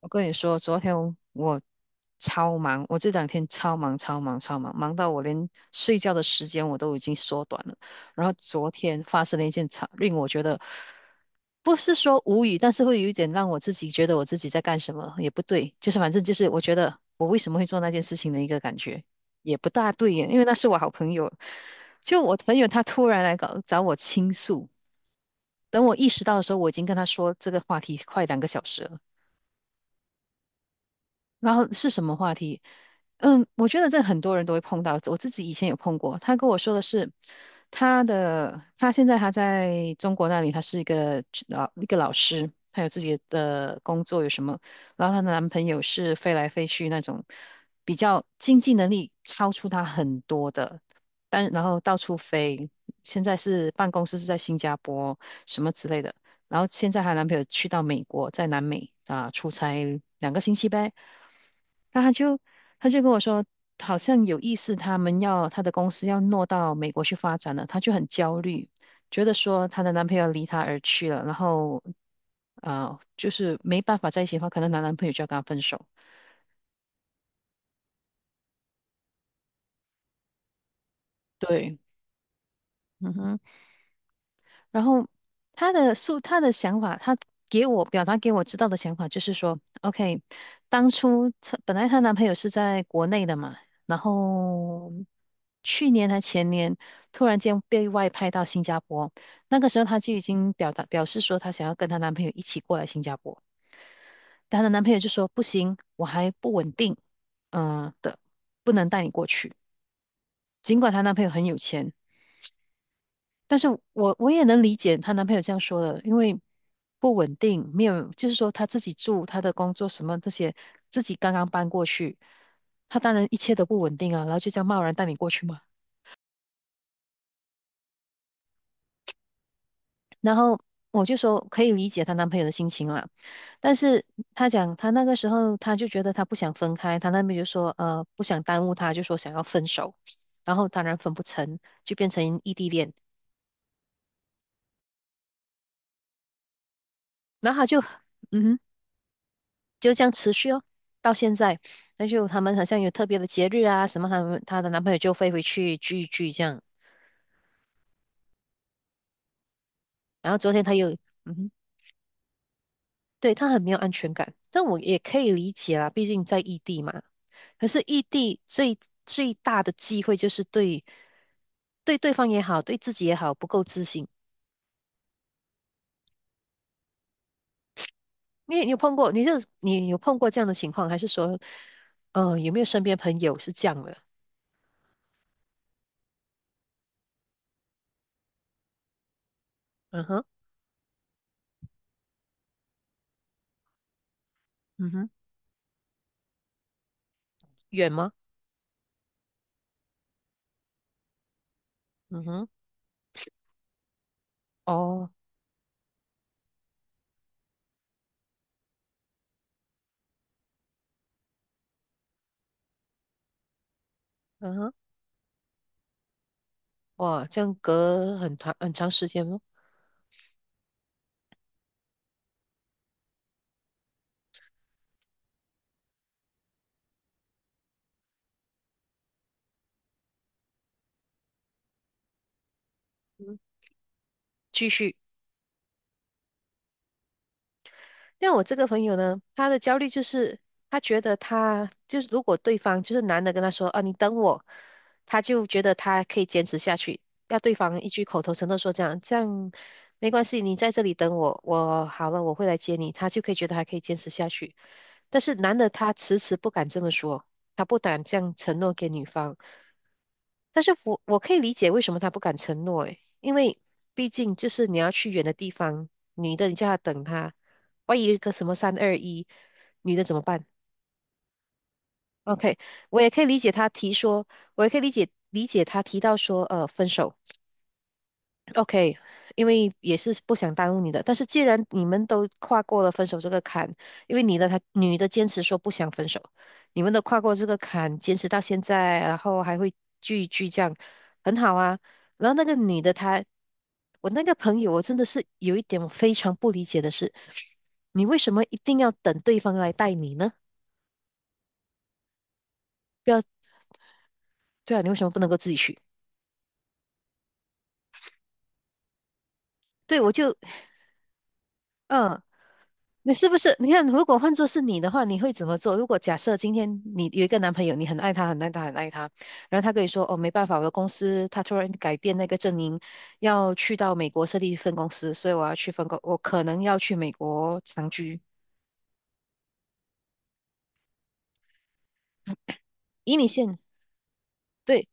我跟你说，昨天我超忙，我这两天超忙、超忙、超忙，忙到我连睡觉的时间我都已经缩短了。然后昨天发生了一件超令我觉得不是说无语，但是会有一点让我自己觉得我自己在干什么也不对，就是反正就是我觉得我为什么会做那件事情的一个感觉也不大对耶，因为那是我好朋友，就我朋友他突然来搞找我倾诉，等我意识到的时候，我已经跟他说这个话题快2个小时了。然后是什么话题？嗯，我觉得这很多人都会碰到，我自己以前有碰过。他跟我说的是，他现在他在中国那里，他是一个老师，他有自己的工作，有什么？然后她的男朋友是飞来飞去那种，比较经济能力超出她很多的，但然后到处飞。现在是办公室是在新加坡什么之类的，然后现在她男朋友去到美国，在南美啊、出差2个星期呗。那她就她就跟我说，好像有意思，他们要她的公司要挪到美国去发展了，她就很焦虑，觉得说她的男朋友离她而去了，然后就是没办法在一起的话，可能她男朋友就要跟她分手。对，嗯哼。然后她的想法，她给我表达给我知道的想法就是说，OK，当初她本来她男朋友是在国内的嘛，然后去年还前年突然间被外派到新加坡，那个时候她就已经表示说她想要跟她男朋友一起过来新加坡，但她的男朋友就说不行，我还不稳定，嗯、的，不能带你过去。尽管她男朋友很有钱，但是我也能理解她男朋友这样说的，因为不稳定，没有，就是说她自己住，她的工作什么这些，自己刚刚搬过去，她当然一切都不稳定啊，然后就这样贸然带你过去嘛。然后我就说可以理解她男朋友的心情啦，但是她讲她那个时候她就觉得她不想分开，她那边就说呃不想耽误她，就说想要分手，然后当然分不成，就变成异地恋，然后她就嗯哼。就这样持续哦，到现在，那就他们好像有特别的节日啊什么，他们她的男朋友就飞回去聚一聚这样，那她又嗯哼对她很没有安全感，但我也可以理解啦，毕竟在异地嘛。可是异地最最大的机会就是对方也好，对自己也好不够自信。因为你有碰过，你有碰过这样的情况，还是说，有没有身边朋友是这样的？嗯哼，嗯哼，远吗？嗯哼，哦，嗯哼。哇，这样隔很长很长时间哦。继续，但我这个朋友呢，他的焦虑就是他觉得他就是如果对方就是男的跟他说啊你等我，他就觉得他可以坚持下去，要对方一句口头承诺说这样这样没关系，你在这里等我，我好了我会来接你，他就可以觉得还可以坚持下去。但是男的他迟迟不敢这么说，他不敢这样承诺给女方。但是我可以理解为什么他不敢承诺，诶，因为毕竟就是你要去远的地方，女的你叫他等他。万一有一个什么三二一，女的怎么办？OK，我也可以理解他提说，我也可以理解他提到说，分手。OK，因为也是不想耽误你的，但是既然你们都跨过了分手这个坎，因为你的他女的坚持说不想分手，你们都跨过这个坎，坚持到现在，然后还会聚一聚这样，很好啊。然后那个女的她，我那个朋友，我真的是有一点我非常不理解的是，你为什么一定要等对方来带你呢？不要，对啊，你为什么不能够自己去？对，我就，嗯，你是不是？你看，如果换作是你的话，你会怎么做？如果假设今天你有一个男朋友，你很爱他，很爱他，很爱他，然后他跟你说，哦，没办法，我的公司他突然改变那个阵营，要去到美国设立分公司，所以我要去分公，我可能要去美国长居。以你现，对，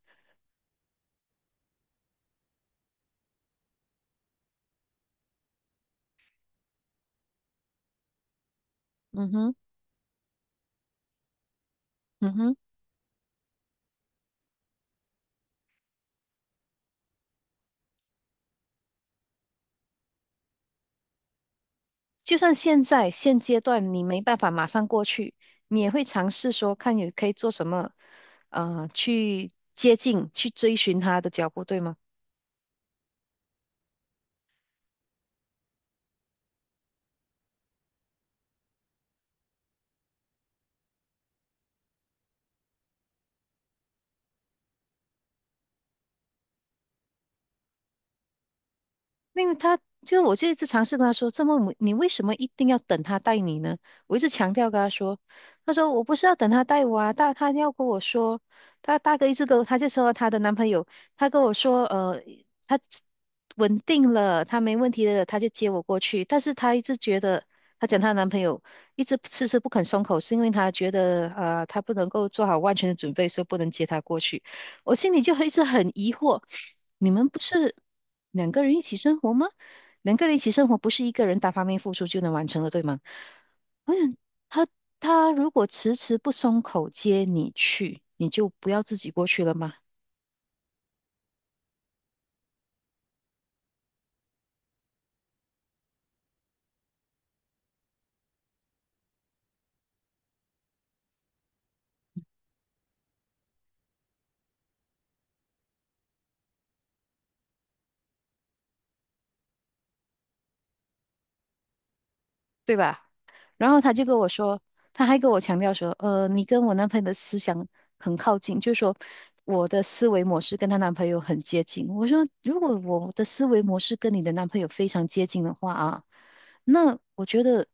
嗯哼，嗯哼。就算现在现阶段你没办法马上过去，你也会尝试说看你可以做什么，去接近、去追寻他的脚步，对吗？因为他，就我就一直尝试跟他说，这么你为什么一定要等他带你呢？我一直强调跟他说，他说我不是要等他带我啊，他要跟我说，他大哥一直跟我他就说他的男朋友，他跟我说，他稳定了，他没问题了，他就接我过去，但是他一直觉得。他讲她的男朋友一直迟迟不肯松口，是因为他觉得他不能够做好万全的准备，所以不能接他过去。我心里就一直很疑惑，你们不是两个人一起生活吗？两个人一起生活不是一个人单方面付出就能完成的，对吗？我想他他如果迟迟不松口接你去，你就不要自己过去了吗？对吧？然后他就跟我说，他还跟我强调说，你跟我男朋友的思想很靠近，就是说我的思维模式跟她男朋友很接近。我说，如果我的思维模式跟你的男朋友非常接近的话啊，那我觉得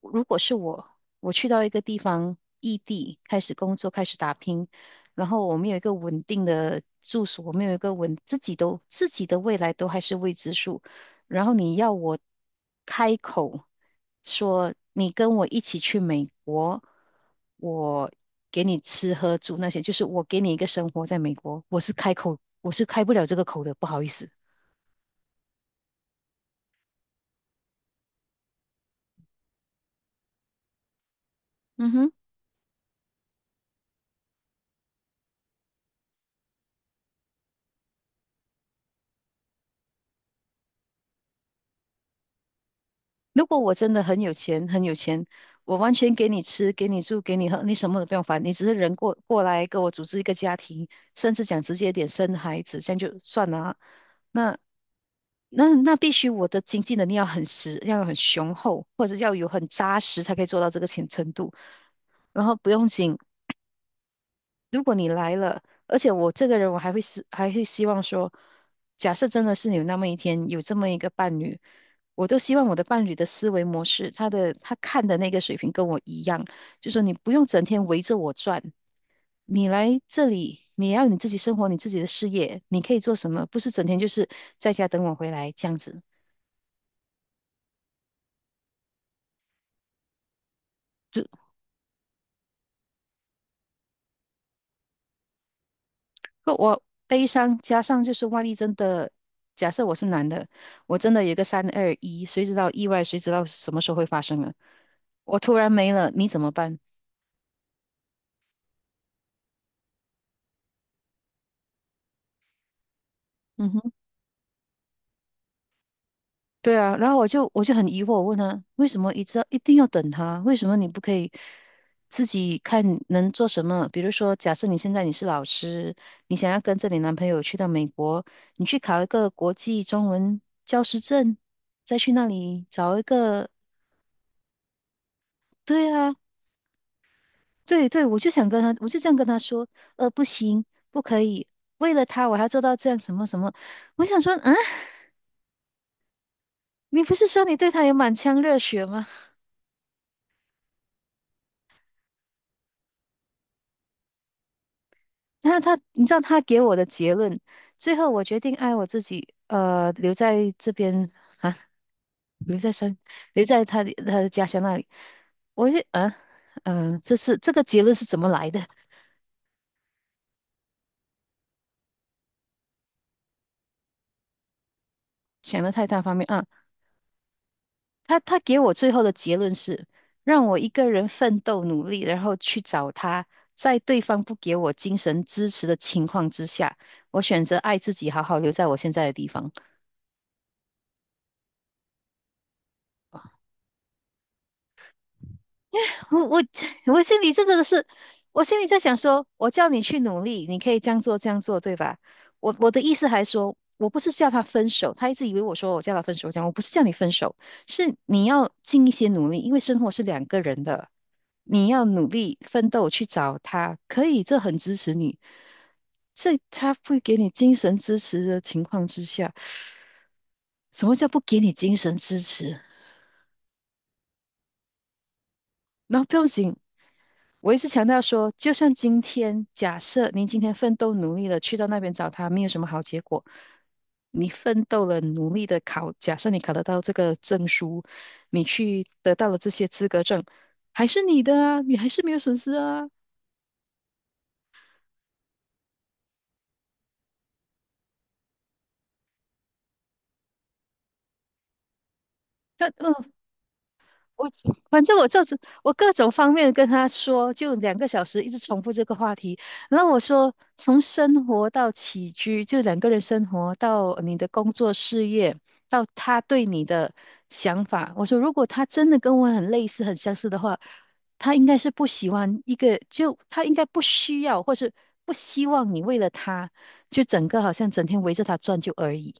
如果是我，我去到一个地方异地开始工作，开始打拼，然后我们有一个稳定的住所，我们有一个稳自己的未来都还是未知数。然后你要我开口说你跟我一起去美国，我给你吃喝住那些，就是我给你一个生活在美国，我是开口，我是开不了这个口的，不好意思。嗯哼。如果我真的很有钱，很有钱，我完全给你吃，给你住，给你喝，你什么都不用烦，你只是人过来跟我组织一个家庭，甚至讲直接一点生孩子，这样就算了啊那那必须我的经济能力要很实，要很雄厚，或者要有很扎实才可以做到这个程度。然后不用紧，如果你来了，而且我这个人，我还会是还会希望说，假设真的是有那么一天有这么一个伴侣，我都希望我的伴侣的思维模式，他的他看的那个水平跟我一样，就说你不用整天围着我转，你来这里，你要你自己生活，你自己的事业，你可以做什么，不是整天就是在家等我回来这样子。可我悲伤加上就是万一真的，假设我是男的，我真的有个三二一，谁知道意外，谁知道什么时候会发生啊？我突然没了，你怎么办？嗯哼，对啊，然后我就很疑惑，我问他为什么一直要一定要等他？为什么你不可以自己看能做什么？比如说，假设你现在你是老师，你想要跟着你男朋友去到美国，你去考一个国际中文教师证，再去那里找一个，对啊。对对，我就想跟他，我就这样跟他说，不行，不可以，为了他我还要做到这样什么什么。我想说，啊，你不是说你对他有满腔热血吗？然后他，你知道他给我的结论，最后我决定爱我自己，留在这边啊，留在山，留在他的家乡那里。我就啊，这个结论是怎么来的？想的太单方面啊。他给我最后的结论是，让我一个人奋斗努力，然后去找他，在对方不给我精神支持的情况之下，我选择爱自己，好好留在我现在的地方。我 我心里真的是，我心里在想说，我叫你去努力，你可以这样做这样做，对吧？我的意思还说，我不是叫他分手，他一直以为我说我叫他分手，我讲我不是叫你分手，是你要尽一些努力，因为生活是两个人的，你要努力奋斗去找他，可以，这很支持你，这他不给你精神支持的情况之下，什么叫不给你精神支持？那不要紧，我一直强调说，就算今天假设您今天奋斗努力了，去到那边找他，没有什么好结果。你奋斗了，努力的考，假设你考得到这个证书，你去得到了这些资格证，还是你的啊，你还是没有损失啊。那呃，我反正我就是我各种方面跟他说，就两个小时一直重复这个话题。然后我说，从生活到起居，就两个人生活到你的工作事业，到他对你的想法。我说，如果他真的跟我很类似、很相似的话，他应该是不喜欢一个，就他应该不需要，或是不希望你为了他，就整个好像整天围着他转就而已，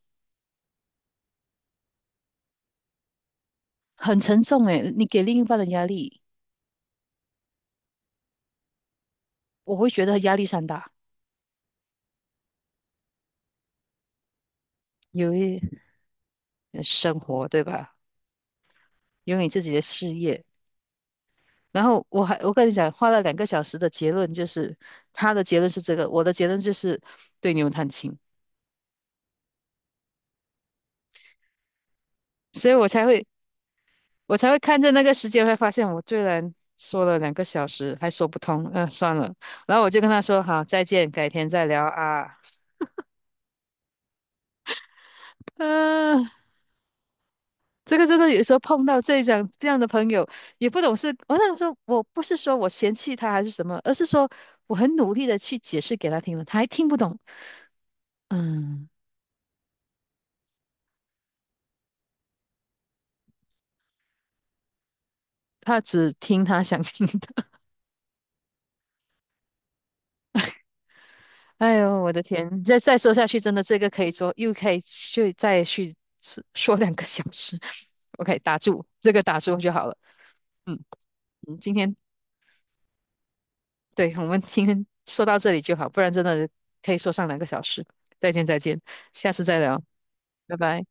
很沉重诶，你给另一半的压力，我会觉得压力山大。有生活，对吧？有你自己的事业。然后我跟你讲，花了两个小时的结论就是，他的结论是这个，我的结论就是对牛弹琴，所以我才会看着那个时间，会发现我居然说了两个小时还说不通，算了。然后我就跟他说好，再见，改天再聊啊。嗯、这个真的有时候碰到这种这样的朋友，也不懂是，我想说，我不是说我嫌弃他还是什么，而是说我很努力的去解释给他听了，他还听不懂。嗯，他只听他想听的。哎呦，我的天！再说下去，真的这个可以说又可以去再去说说两个小时。OK，打住，这个打住就好了。嗯嗯，对我们今天说到这里就好，不然真的可以说上两个小时。再见再见，下次再聊，拜拜。